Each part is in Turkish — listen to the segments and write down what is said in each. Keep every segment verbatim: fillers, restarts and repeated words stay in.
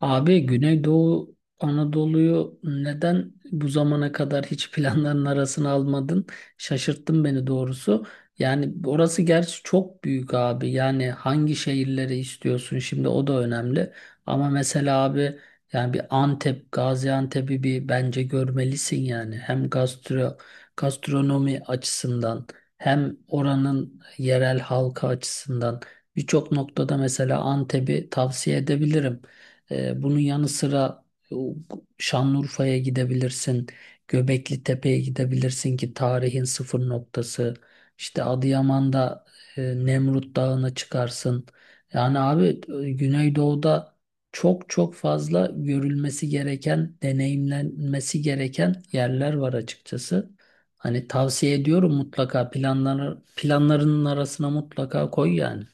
Abi Güneydoğu Anadolu'yu neden bu zamana kadar hiç planların arasına almadın? Şaşırttın beni doğrusu. Yani orası gerçi çok büyük abi. Yani hangi şehirleri istiyorsun şimdi o da önemli. Ama mesela abi yani bir Antep, Gaziantep'i bir bence görmelisin yani. Hem gastro, gastronomi açısından hem oranın yerel halkı açısından birçok noktada mesela Antep'i tavsiye edebilirim. Ee, bunun yanı sıra e, o, Şanlıurfa'ya gidebilirsin, Göbekli Tepe'ye gidebilirsin ki tarihin sıfır noktası. İşte Adıyaman'da e, Nemrut Dağı'na çıkarsın. Yani abi e, Güneydoğu'da çok çok fazla görülmesi gereken, deneyimlenmesi gereken yerler var açıkçası. Hani tavsiye ediyorum, mutlaka planları, planlarının arasına mutlaka koy yani.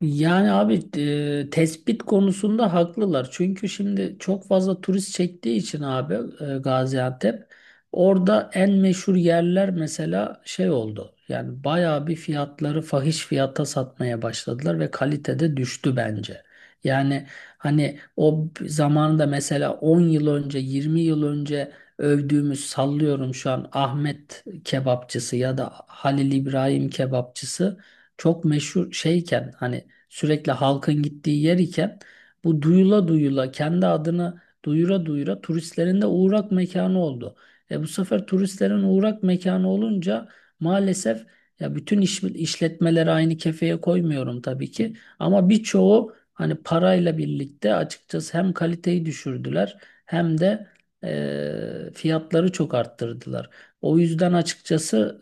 Yani abi e, tespit konusunda haklılar. Çünkü şimdi çok fazla turist çektiği için abi e, Gaziantep orada en meşhur yerler mesela şey oldu. Yani bayağı bir fiyatları fahiş fiyata satmaya başladılar ve kalitede düştü bence. Yani hani o zamanında mesela on yıl önce yirmi yıl önce övdüğümüz, sallıyorum şu an Ahmet kebapçısı ya da Halil İbrahim kebapçısı çok meşhur şeyken, hani sürekli halkın gittiği yer iken, bu duyula duyula, kendi adını duyura duyura turistlerin de uğrak mekanı oldu. E bu sefer turistlerin uğrak mekanı olunca maalesef, ya bütün iş, işletmeleri aynı kefeye koymuyorum tabii ki, ama birçoğu hani parayla birlikte açıkçası hem kaliteyi düşürdüler hem de e, fiyatları çok arttırdılar. O yüzden açıkçası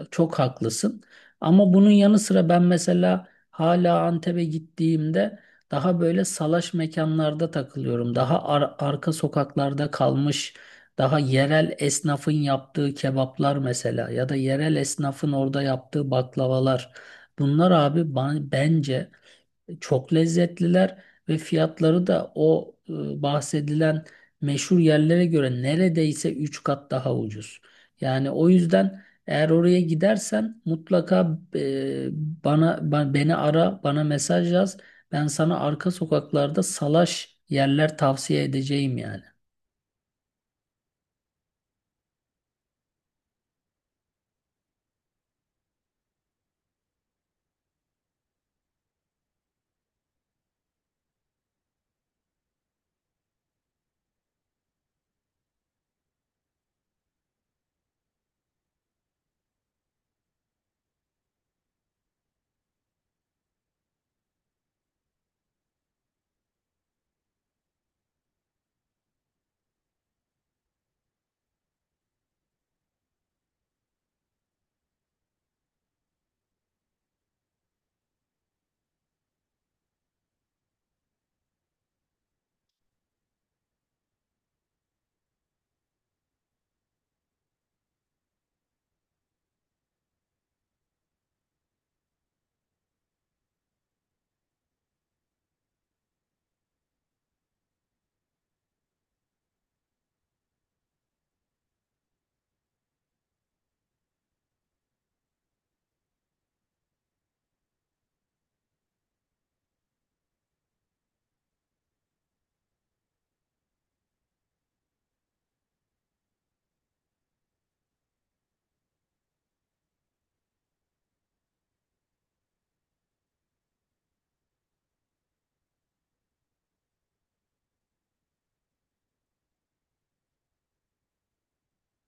e, çok haklısın. Ama bunun yanı sıra ben mesela hala Antep'e gittiğimde daha böyle salaş mekanlarda takılıyorum. Daha ar- arka sokaklarda kalmış, daha yerel esnafın yaptığı kebaplar mesela, ya da yerel esnafın orada yaptığı baklavalar. Bunlar abi, ba- bence çok lezzetliler ve fiyatları da o e, bahsedilen meşhur yerlere göre neredeyse üç kat daha ucuz. Yani o yüzden eğer oraya gidersen mutlaka e, bana ba- beni ara, bana mesaj yaz. Ben sana arka sokaklarda salaş yerler tavsiye edeceğim yani.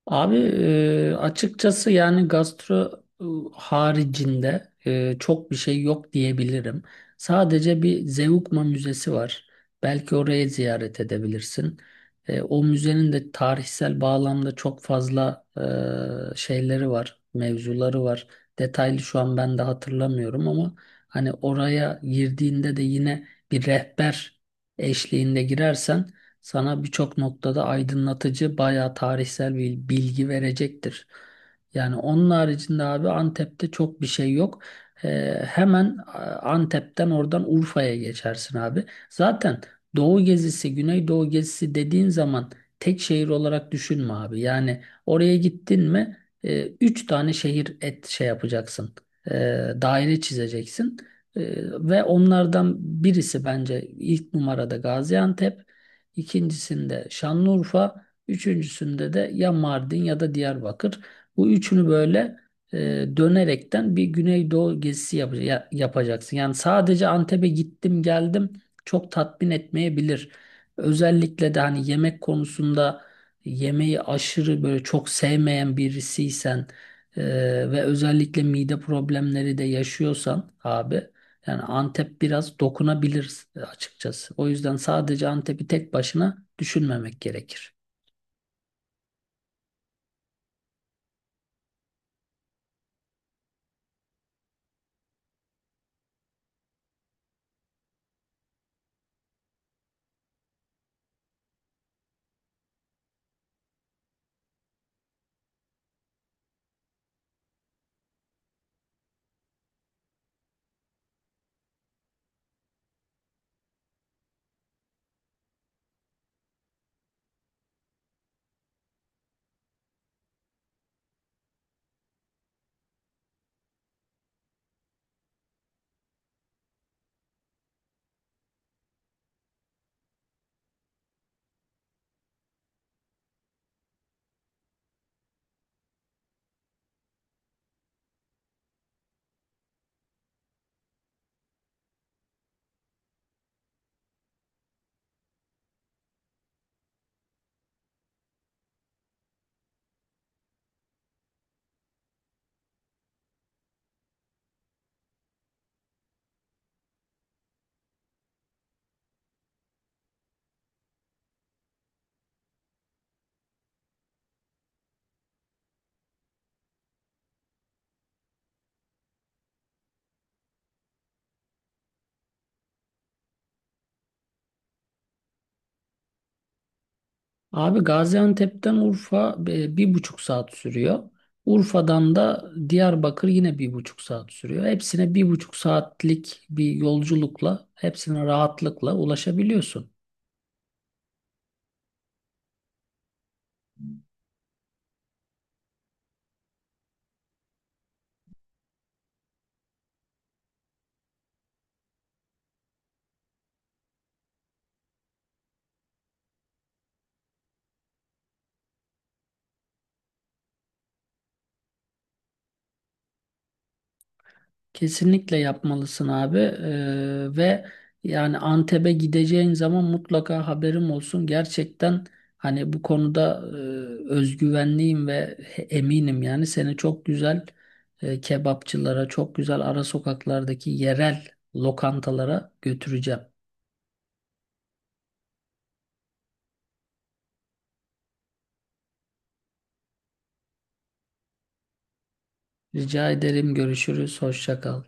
Abi e, açıkçası yani gastro e, haricinde e, çok bir şey yok diyebilirim. Sadece bir Zeugma Müzesi var. Belki orayı ziyaret edebilirsin. E, o müzenin de tarihsel bağlamda çok fazla e, şeyleri var, mevzuları var. Detaylı şu an ben de hatırlamıyorum, ama hani oraya girdiğinde de yine bir rehber eşliğinde girersen sana birçok noktada aydınlatıcı, bayağı tarihsel bir bilgi verecektir. Yani onun haricinde abi Antep'te çok bir şey yok. Ee, hemen e, Antep'ten oradan Urfa'ya geçersin abi. Zaten Doğu gezisi, Güneydoğu gezisi dediğin zaman tek şehir olarak düşünme abi. Yani oraya gittin mi e, üç tane şehir et şey yapacaksın. E, Daire çizeceksin. E, Ve onlardan birisi bence ilk numarada Gaziantep, ikincisinde Şanlıurfa, üçüncüsünde de ya Mardin ya da Diyarbakır. Bu üçünü böyle e, dönerekten bir Güneydoğu gezisi yap- ya- yapacaksın. Yani sadece Antep'e gittim geldim çok tatmin etmeyebilir. Özellikle de hani yemek konusunda yemeği aşırı böyle çok sevmeyen birisiysen e, ve özellikle mide problemleri de yaşıyorsan abi, yani Antep biraz dokunabilir e, açıkçası. O yüzden sadece Antep'i tek başına düşünmemek gerekir. Abi Gaziantep'ten Urfa e, bir buçuk saat sürüyor. Urfa'dan da Diyarbakır yine bir buçuk saat sürüyor. Hepsine bir buçuk saatlik bir yolculukla, hepsine rahatlıkla ulaşabiliyorsun. Kesinlikle yapmalısın abi. Ee, ve yani Antep'e gideceğin zaman mutlaka haberim olsun. Gerçekten hani bu konuda e, özgüvenliyim ve he- eminim, yani seni çok güzel e, kebapçılara, çok güzel ara sokaklardaki yerel lokantalara götüreceğim. Rica ederim, görüşürüz, hoşça kal.